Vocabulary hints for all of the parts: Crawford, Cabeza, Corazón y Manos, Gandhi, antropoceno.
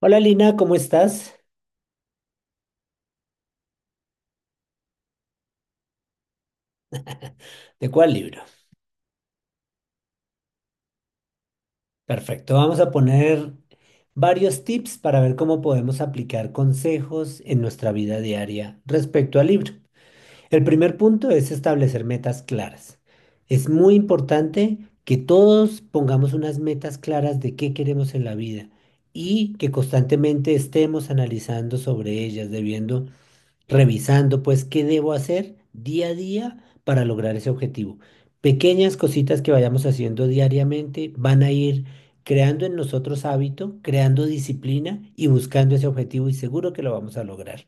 Hola Lina, ¿cómo estás? ¿De cuál libro? Perfecto, vamos a poner varios tips para ver cómo podemos aplicar consejos en nuestra vida diaria respecto al libro. El primer punto es establecer metas claras. Es muy importante que todos pongamos unas metas claras de qué queremos en la vida y que constantemente estemos analizando sobre ellas, debiendo revisando, pues, qué debo hacer día a día para lograr ese objetivo. Pequeñas cositas que vayamos haciendo diariamente van a ir creando en nosotros hábito, creando disciplina y buscando ese objetivo y seguro que lo vamos a lograr.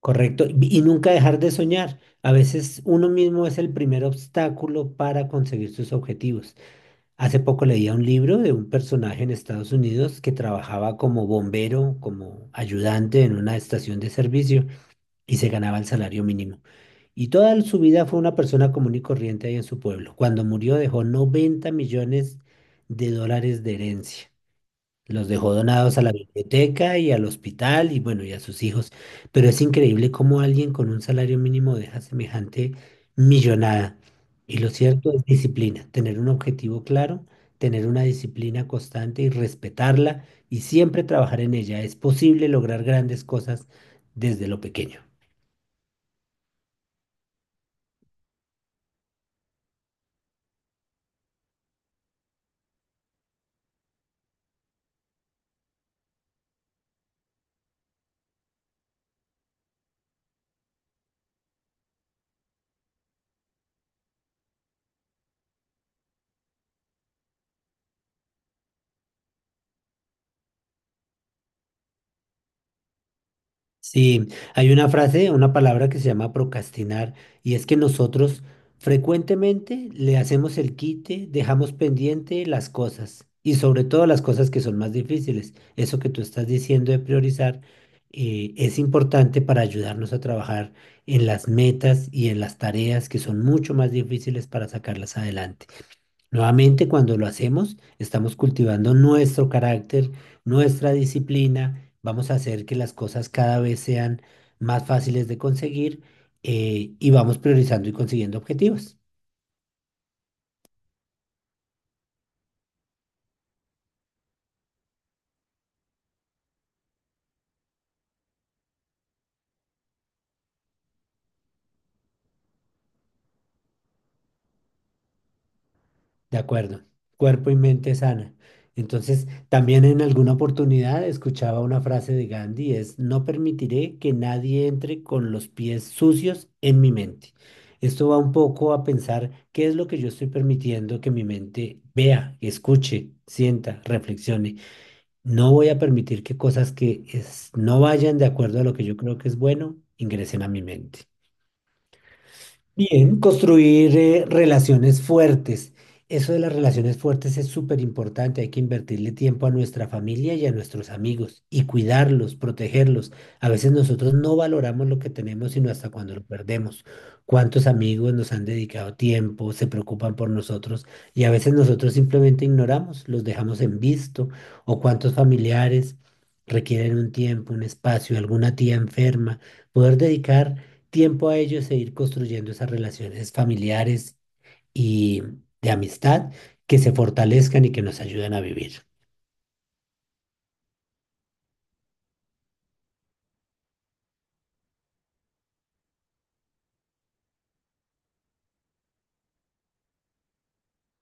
Correcto. Y nunca dejar de soñar. A veces uno mismo es el primer obstáculo para conseguir sus objetivos. Hace poco leía un libro de un personaje en Estados Unidos que trabajaba como bombero, como ayudante en una estación de servicio, y se ganaba el salario mínimo. Y toda su vida fue una persona común y corriente ahí en su pueblo. Cuando murió dejó $90 millones de herencia. Los dejó donados a la biblioteca y al hospital y, bueno, y a sus hijos. Pero es increíble cómo alguien con un salario mínimo deja semejante millonada. Y lo cierto es disciplina, tener un objetivo claro, tener una disciplina constante y respetarla y siempre trabajar en ella. Es posible lograr grandes cosas desde lo pequeño. Sí, hay una frase, una palabra que se llama procrastinar, y es que nosotros frecuentemente le hacemos el quite, dejamos pendiente las cosas y sobre todo las cosas que son más difíciles. Eso que tú estás diciendo de priorizar es importante para ayudarnos a trabajar en las metas y en las tareas que son mucho más difíciles para sacarlas adelante. Nuevamente, cuando lo hacemos, estamos cultivando nuestro carácter, nuestra disciplina. Vamos a hacer que las cosas cada vez sean más fáciles de conseguir, y vamos priorizando y consiguiendo objetivos. De acuerdo. Cuerpo y mente sana. Entonces, también en alguna oportunidad escuchaba una frase de Gandhi, es: no permitiré que nadie entre con los pies sucios en mi mente. Esto va un poco a pensar qué es lo que yo estoy permitiendo que mi mente vea, escuche, sienta, reflexione. No voy a permitir que cosas que no vayan de acuerdo a lo que yo creo que es bueno ingresen a mi mente. Bien, construir, relaciones fuertes. Eso de las relaciones fuertes es súper importante. Hay que invertirle tiempo a nuestra familia y a nuestros amigos y cuidarlos, protegerlos. A veces nosotros no valoramos lo que tenemos sino hasta cuando lo perdemos. ¿Cuántos amigos nos han dedicado tiempo, se preocupan por nosotros y a veces nosotros simplemente ignoramos, los dejamos en visto? ¿O cuántos familiares requieren un tiempo, un espacio, alguna tía enferma? Poder dedicar tiempo a ellos e ir construyendo esas relaciones familiares y de amistad que se fortalezcan y que nos ayuden a vivir.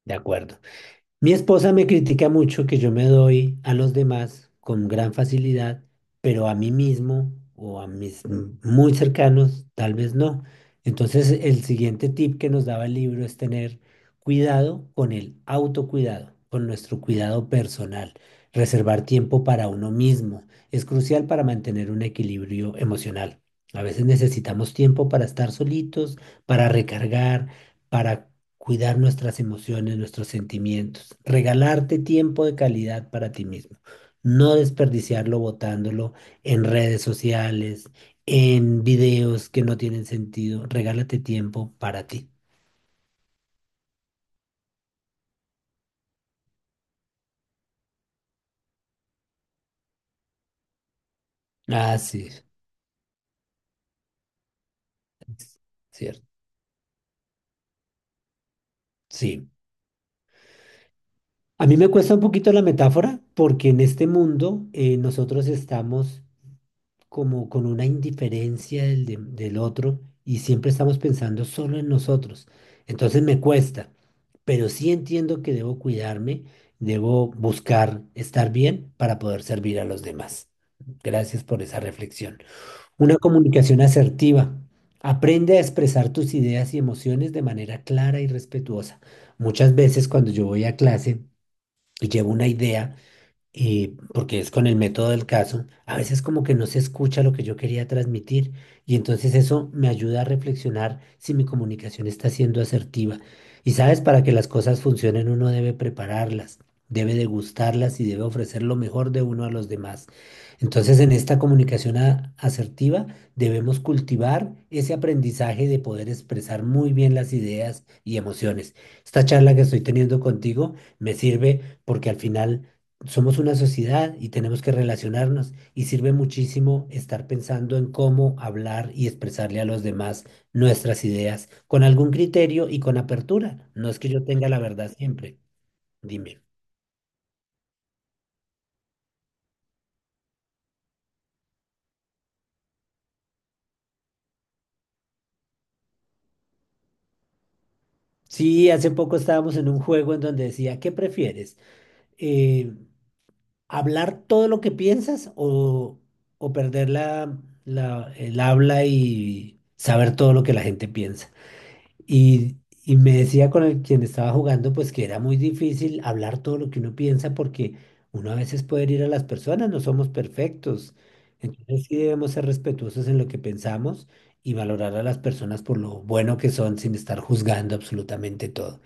De acuerdo. Mi esposa me critica mucho que yo me doy a los demás con gran facilidad, pero a mí mismo o a mis muy cercanos tal vez no. Entonces, el siguiente tip que nos daba el libro es tener cuidado con el autocuidado, con nuestro cuidado personal, reservar tiempo para uno mismo. Es crucial para mantener un equilibrio emocional. A veces necesitamos tiempo para estar solitos, para recargar, para cuidar nuestras emociones, nuestros sentimientos. Regalarte tiempo de calidad para ti mismo, no desperdiciarlo botándolo en redes sociales, en videos que no tienen sentido. Regálate tiempo para ti. Ah, sí, es cierto, sí. A mí me cuesta un poquito la metáfora porque en este mundo, nosotros estamos como con una indiferencia del, del otro y siempre estamos pensando solo en nosotros. Entonces me cuesta, pero sí entiendo que debo cuidarme, debo buscar estar bien para poder servir a los demás. Gracias por esa reflexión. Una comunicación asertiva. Aprende a expresar tus ideas y emociones de manera clara y respetuosa. Muchas veces cuando yo voy a clase y llevo una idea, porque es con el método del caso, a veces como que no se escucha lo que yo quería transmitir, y entonces eso me ayuda a reflexionar si mi comunicación está siendo asertiva. Y sabes, para que las cosas funcionen uno debe prepararlas, debe degustarlas y debe ofrecer lo mejor de uno a los demás. Entonces en esta comunicación asertiva debemos cultivar ese aprendizaje de poder expresar muy bien las ideas y emociones. Esta charla que estoy teniendo contigo me sirve porque al final somos una sociedad y tenemos que relacionarnos, y sirve muchísimo estar pensando en cómo hablar y expresarle a los demás nuestras ideas con algún criterio y con apertura. No es que yo tenga la verdad siempre. Dime. Sí, hace poco estábamos en un juego en donde decía: ¿qué prefieres? Eh, ¿Hablar todo lo que piensas o perder la, el habla y saber todo lo que la gente piensa? Y, y me decía con el quien estaba jugando, pues que era muy difícil hablar todo lo que uno piensa porque uno a veces puede herir a las personas, no somos perfectos. Entonces sí debemos ser respetuosos en lo que pensamos y valorar a las personas por lo bueno que son sin estar juzgando absolutamente todo.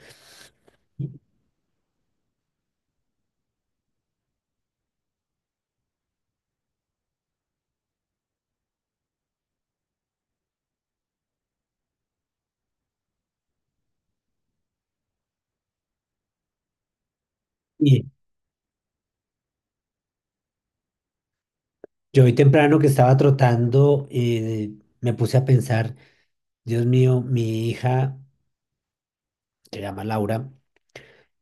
Y yo hoy temprano que estaba trotando, me puse a pensar: Dios mío, mi hija, se llama Laura,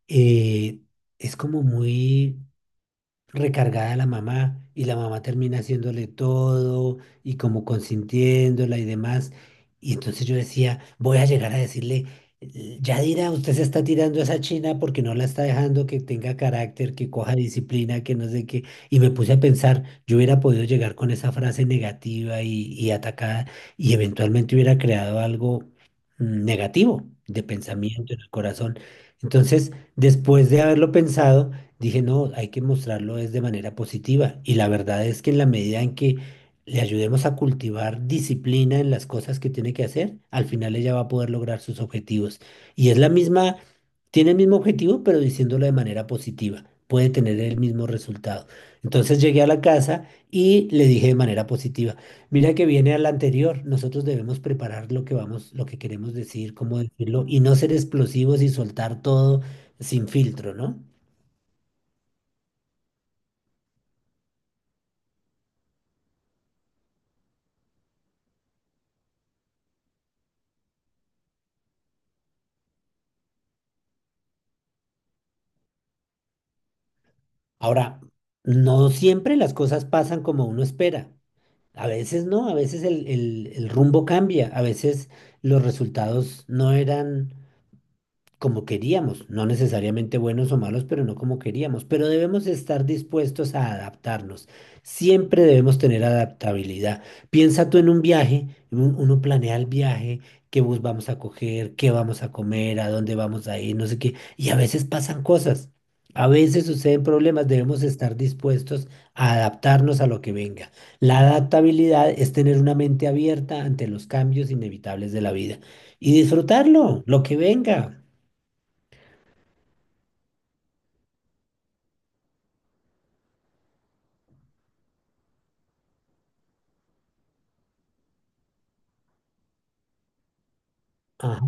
eh, es como muy recargada la mamá, y la mamá termina haciéndole todo y como consintiéndola y demás. Y entonces yo decía, voy a llegar a decirle: ya dirá, usted se está tirando a esa china porque no la está dejando que tenga carácter, que coja disciplina, que no sé qué". Y me puse a pensar, yo hubiera podido llegar con esa frase negativa y atacada, y eventualmente hubiera creado algo negativo de pensamiento en el corazón. Entonces, después de haberlo pensado, dije: no, hay que mostrarlo es de manera positiva. Y la verdad es que en la medida en que le ayudemos a cultivar disciplina en las cosas que tiene que hacer, al final ella va a poder lograr sus objetivos. Y es la misma, tiene el mismo objetivo, pero diciéndolo de manera positiva puede tener el mismo resultado. Entonces llegué a la casa y le dije de manera positiva, mira que viene a la anterior: nosotros debemos preparar lo que vamos, lo que queremos decir, cómo decirlo, y no ser explosivos y soltar todo sin filtro, ¿no? Ahora, no siempre las cosas pasan como uno espera. A veces no, a veces el, el rumbo cambia, a veces los resultados no eran como queríamos, no necesariamente buenos o malos, pero no como queríamos, pero debemos estar dispuestos a adaptarnos. Siempre debemos tener adaptabilidad. Piensa tú en un viaje, uno planea el viaje, qué bus vamos a coger, qué vamos a comer, a dónde vamos a ir, no sé qué, y a veces pasan cosas. A veces suceden problemas, debemos estar dispuestos a adaptarnos a lo que venga. La adaptabilidad es tener una mente abierta ante los cambios inevitables de la vida y disfrutarlo, lo que venga. Ajá.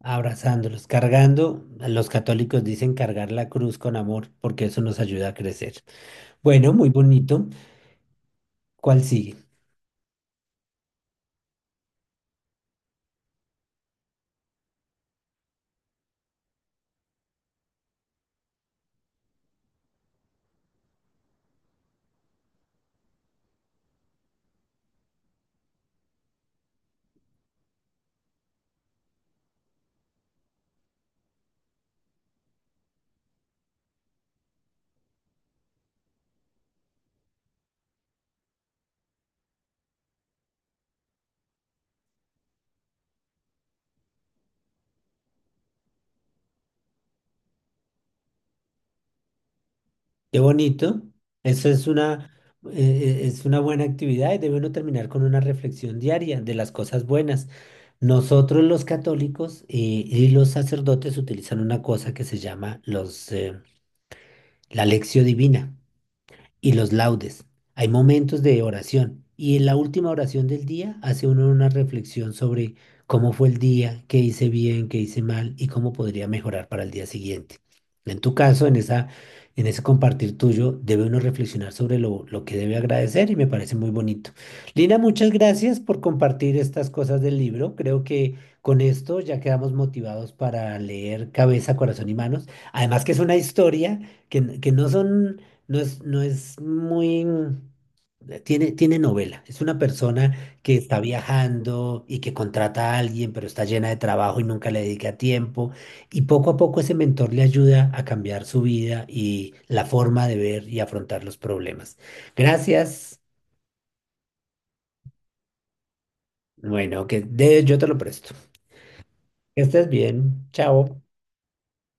Abrazándolos, cargando. Los católicos dicen cargar la cruz con amor porque eso nos ayuda a crecer. Bueno, muy bonito. ¿Cuál sigue? Qué bonito. Eso es una, es una buena actividad, y debe uno terminar con una reflexión diaria de las cosas buenas. Nosotros los católicos, y los sacerdotes, utilizan una cosa que se llama la lección divina, y los laudes. Hay momentos de oración, y en la última oración del día hace uno una reflexión sobre cómo fue el día, qué hice bien, qué hice mal y cómo podría mejorar para el día siguiente. En tu caso, en ese compartir tuyo, debe uno reflexionar sobre lo que debe agradecer, y me parece muy bonito. Lina, muchas gracias por compartir estas cosas del libro. Creo que con esto ya quedamos motivados para leer Cabeza, Corazón y Manos. Además que es una historia que no es muy... Tiene, tiene novela. Es una persona que está viajando y que contrata a alguien, pero está llena de trabajo y nunca le dedica tiempo. Y poco a poco ese mentor le ayuda a cambiar su vida y la forma de ver y afrontar los problemas. Gracias. Bueno, yo te lo presto. Que estés bien. Chao.